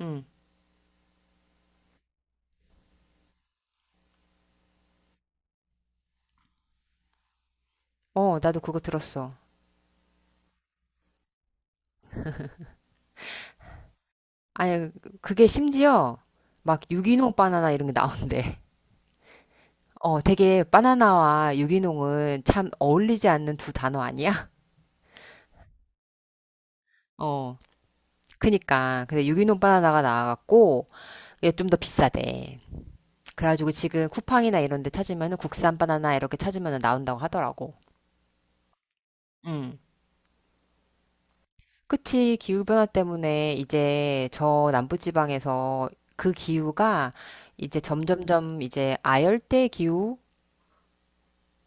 응. 어, 나도 그거 들었어. 아니, 그게 심지어 막 유기농 바나나 이런 게 나온대. 어, 되게 바나나와 유기농은 참 어울리지 않는 두 단어 아니야? 어. 그니까. 근데 유기농 바나나가 나와갖고 이게 좀 더 비싸대. 그래가지고 지금 쿠팡이나 이런 데 찾으면은 국산 바나나 이렇게 찾으면은 나온다고 하더라고. 응. 그치. 기후변화 때문에 이제 저 남부지방에서 그 기후가 이제 점점점 이제 아열대 기후?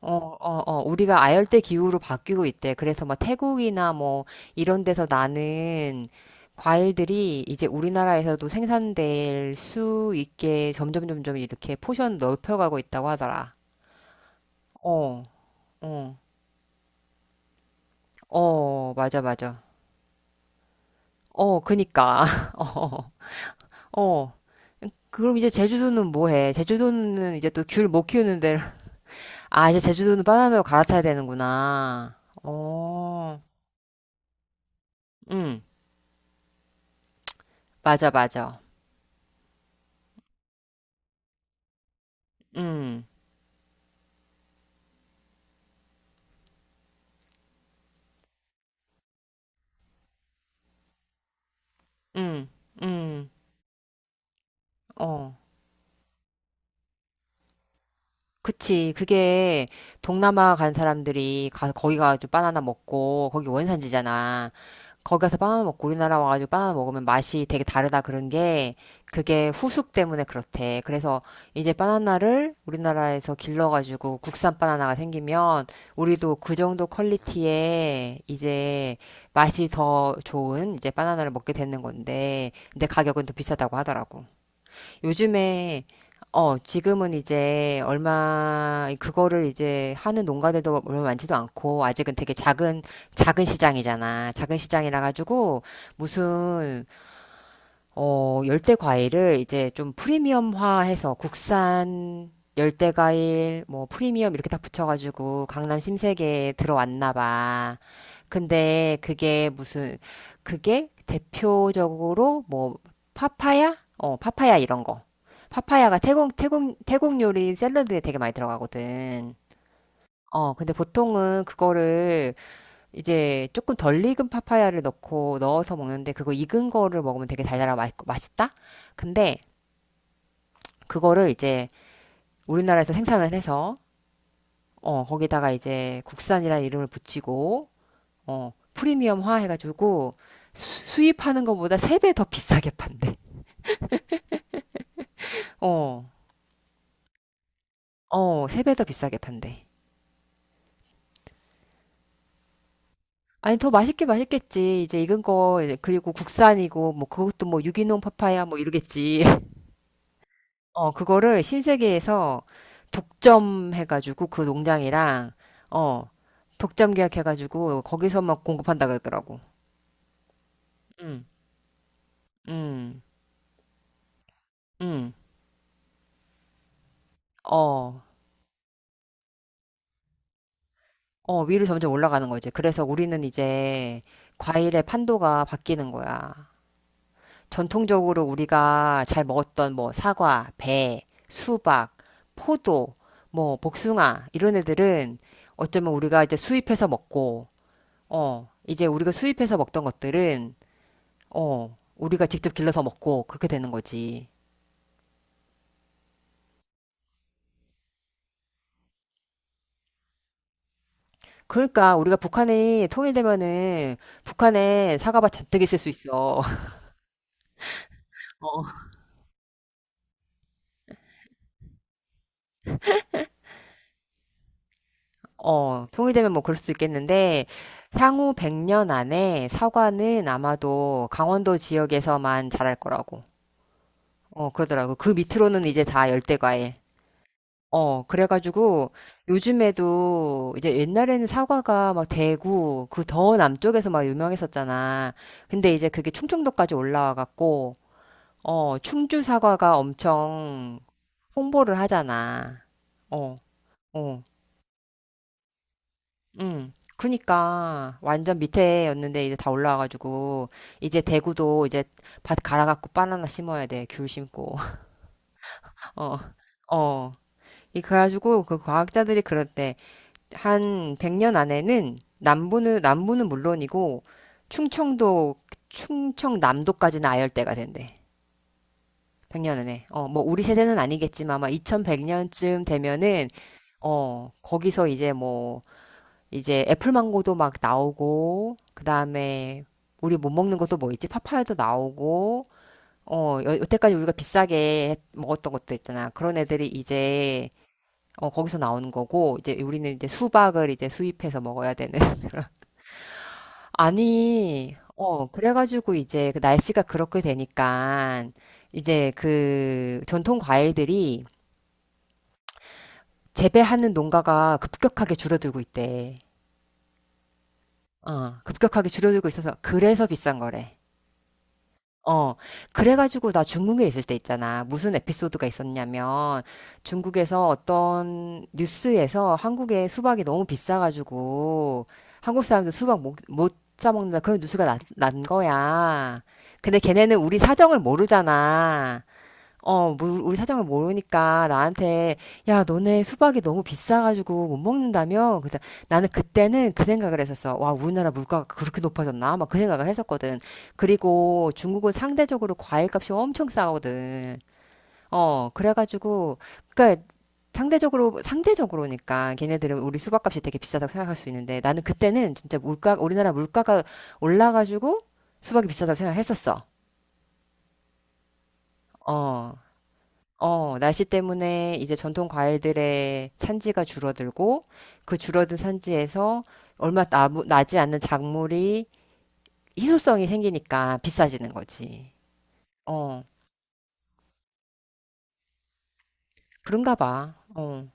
어, 어, 어, 우리가 아열대 기후로 바뀌고 있대. 그래서 뭐 태국이나 뭐 이런 데서 나는 과일들이 이제 우리나라에서도 생산될 수 있게 점점 점점 이렇게 포션 넓혀가고 있다고 하더라. 어, 어, 어, 맞아, 맞아. 어, 그니까. 어, 어. 그럼 이제 제주도는 뭐 해? 제주도는 이제 또 귤 못 키우는 데로. 아, 이제 제주도는 바나나로 갈아타야 되는구나. 어, 응, 맞아, 맞아. 응. 응, 응, 어. 그치. 그게 동남아 간 사람들이 가, 거기 가가지고 바나나 먹고, 거기 원산지잖아. 거기 가서 바나나 먹고 우리나라 와가지고 바나나 먹으면 맛이 되게 다르다 그런 게, 그게 후숙 때문에 그렇대. 그래서 이제 바나나를 우리나라에서 길러가지고 국산 바나나가 생기면, 우리도 그 정도 퀄리티에 이제 맛이 더 좋은 이제 바나나를 먹게 되는 건데, 근데 가격은 더 비싸다고 하더라고. 요즘에 어, 지금은 이제 얼마 그거를 이제 하는 농가들도 얼마 많지도 않고 아직은 되게 작은 작은 시장이잖아. 작은 시장이라 가지고 무슨 어, 열대 과일을 이제 좀 프리미엄화해서 국산 열대 과일 뭐 프리미엄 이렇게 다 붙여가지고 강남 신세계에 들어왔나 봐. 근데 그게 무슨 그게 대표적으로 뭐 파파야? 어, 파파야 이런 거. 파파야가 태국 요리 샐러드에 되게 많이 들어가거든. 어, 근데 보통은 그거를 이제 조금 덜 익은 파파야를 넣고 넣어서 먹는데 그거 익은 거를 먹으면 되게 달달하고 맛있다? 근데 그거를 이제 우리나라에서 생산을 해서 어, 거기다가 이제 국산이라는 이름을 붙이고 어, 프리미엄화 해가지고 수입하는 것보다 3배 더 비싸게 판대. 어. 어, 3배 더 비싸게 판대. 아니, 더 맛있게 맛있겠지. 이제 익은 거, 이제 그리고 국산이고, 뭐, 그것도 뭐, 유기농 파파야, 뭐, 이러겠지. 어, 그거를 신세계에서 독점해가지고 그 농장이랑, 어, 독점 계약해가지고 거기서만 공급한다 그러더라고. 응, 응, 응. 어, 어, 위로 점점 올라가는 거지. 그래서 우리는 이제 과일의 판도가 바뀌는 거야. 전통적으로 우리가 잘 먹었던 뭐 사과, 배, 수박, 포도, 뭐 복숭아, 이런 애들은 어쩌면 우리가 이제 수입해서 먹고, 어, 이제 우리가 수입해서 먹던 것들은 어, 우리가 직접 길러서 먹고 그렇게 되는 거지. 그러니까 우리가 북한이 통일되면은 북한에 사과밭 잔뜩 있을 수 있어. 어, 어, 통일되면 뭐 그럴 수도 있겠는데 향후 100년 안에 사과는 아마도 강원도 지역에서만 자랄 거라고. 어, 그러더라고. 그 밑으로는 이제 다 열대과일. 어, 그래가지고 요즘에도 이제 옛날에는 사과가 막 대구 그 더 남쪽에서 막 유명했었잖아. 근데 이제 그게 충청도까지 올라와갖고 어, 충주 사과가 엄청 홍보를 하잖아. 어, 어, 응. 그니까 완전 밑에였는데 이제 다 올라와가지고 이제 대구도 이제 밭 갈아갖고 바나나 심어야 돼. 귤 심고. 어, 어. 이 그래가지고 그 과학자들이 그랬대. 한 100년 안에는 남부는 물론이고 충청도 충청남도까지는 아열대가 된대. 백년은에. 어, 뭐 우리 세대는 아니겠지만 아마 2100년쯤 되면은 어, 거기서 이제 뭐 이제 애플망고도 막 나오고 그다음에 우리 못 먹는 것도 뭐 있지? 파파야도 나오고 어, 여, 여태까지 우리가 비싸게 먹었던 것도 있잖아. 그런 애들이 이제 어, 거기서 나오는 거고 이제 우리는 이제 수박을 이제 수입해서 먹어야 되는 그런. 아니, 어, 그래가지고 이제 그 날씨가 그렇게 되니까 이제 그 전통 과일들이 재배하는 농가가 급격하게 줄어들고 있대. 어, 급격하게 줄어들고 있어서 그래서 비싼 거래. 어, 그래가지고 나 중국에 있을 때 있잖아. 무슨 에피소드가 있었냐면 중국에서 어떤 뉴스에서 한국의 수박이 너무 비싸가지고 한국 사람들 수박 못 사먹는다 그런 뉴스가 난 거야. 근데 걔네는 우리 사정을 모르잖아. 어, 뭐 우리 사정을 모르니까 나한테, 야, 너네 수박이 너무 비싸가지고 못 먹는다며? 그래서 나는 그때는 그 생각을 했었어. 와, 우리나라 물가가 그렇게 높아졌나? 막 그 생각을 했었거든. 그리고 중국은 상대적으로 과일값이 엄청 싸거든. 어, 그래가지고, 그니까, 상대적으로, 상대적으로니까, 걔네들은 우리 수박값이 되게 비싸다고 생각할 수 있는데, 나는 그때는 진짜 물가, 우리나라 물가가 올라가지고 수박이 비싸다고 생각했었어. 어. 어, 날씨 때문에 이제 전통 과일들의 산지가 줄어들고 그 줄어든 산지에서 얼마 나 나지 않는 작물이 희소성이 생기니까 비싸지는 거지. 어, 그런가 봐. 어,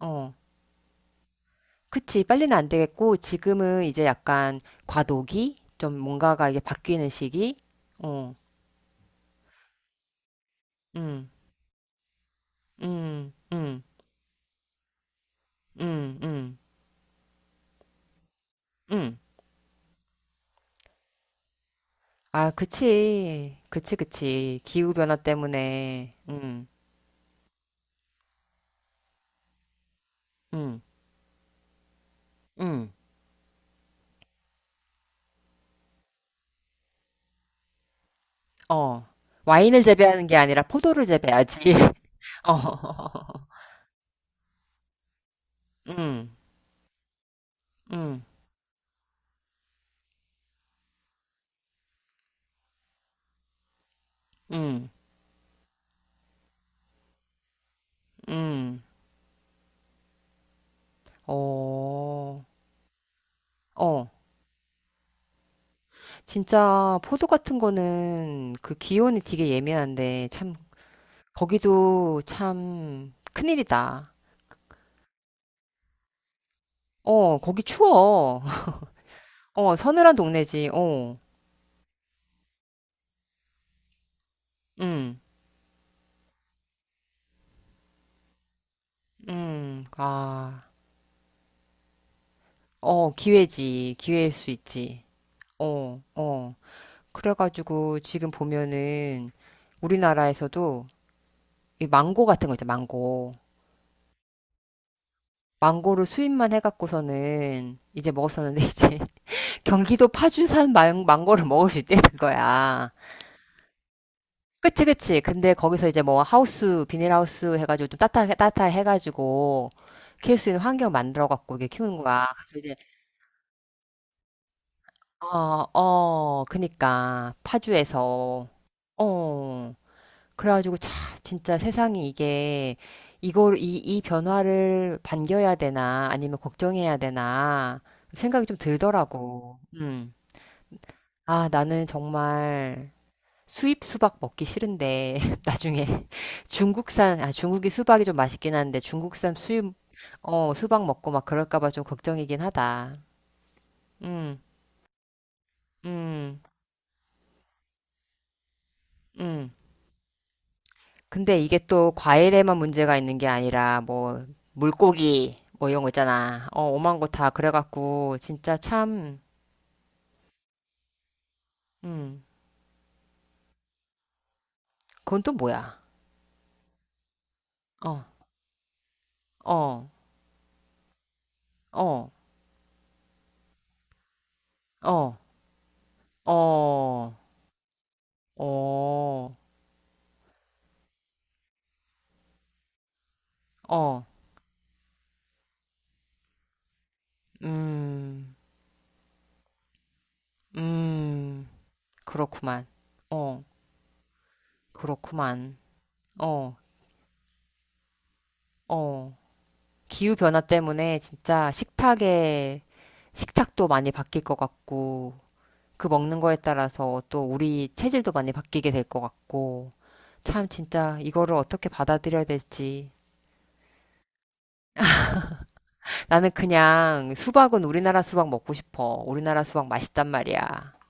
어. 그치. 빨리는 안 되겠고 지금은 이제 약간 과도기? 좀 뭔가가 이게 바뀌는 시기? 어, 음, 음, 음, 음, 음, 음. 아, 그치. 그치, 그치. 기후변화 때문에. 음. 응. 어. 와인을 재배하는 게 아니라 포도를 재배하지. 어. 음. 음. 음. 음. 어. 어. 진짜 포도 같은 거는 그 기온이 되게 예민한데 참 거기도 참 큰일이다. 어, 거기 추워. 어, 서늘한 동네지. 어. 음. 음. 아. 어, 기회지. 기회일 수 있지. 어. 어. 그래가지고 지금 보면은 우리나라에서도 이 망고 같은 거 있죠, 망고. 망고를 수입만 해갖고서는 이제 먹었었는데 이제 경기도 파주산 망고를 먹을 수 있다는 거야. 그치, 그치. 근데 거기서 이제 뭐 하우스, 비닐하우스 해가지고 좀 따뜻하 해가지고 키울 수 있는 환경 만들어갖고 이게 키우는 거야. 그래서 이제, 어, 어, 그니까. 파주에서. 어. 그래가지고 참 진짜 세상이 이게 이걸 이 변화를 반겨야 되나 아니면 걱정해야 되나 생각이 좀 들더라고. 음. 아, 나는 정말 수입 수박 먹기 싫은데 나중에 중국산 아 중국이 수박이 좀 맛있긴 한데 중국산 수입 어 수박 먹고 막 그럴까 봐 좀 걱정이긴 하다. 음. 음. 음. 근데 이게 또 과일에만 문제가 있는 게 아니라 뭐 물고기 뭐 이런 거 있잖아. 어, 오만 거 다 그래갖고 진짜 참, 음, 그건 또 뭐야? 어, 어, 어, 어, 어, 어, 어, 음, 음, 그렇구만. 어, 그렇구만. 어, 어. 기후 변화 때문에 진짜 식탁에 식탁도 많이 바뀔 것 같고. 그 먹는 거에 따라서 또 우리 체질도 많이 바뀌게 될 것 같고, 참 진짜 이거를 어떻게 받아들여야 될지. 나는 그냥 수박은 우리나라 수박 먹고 싶어. 우리나라 수박 맛있단 말이야.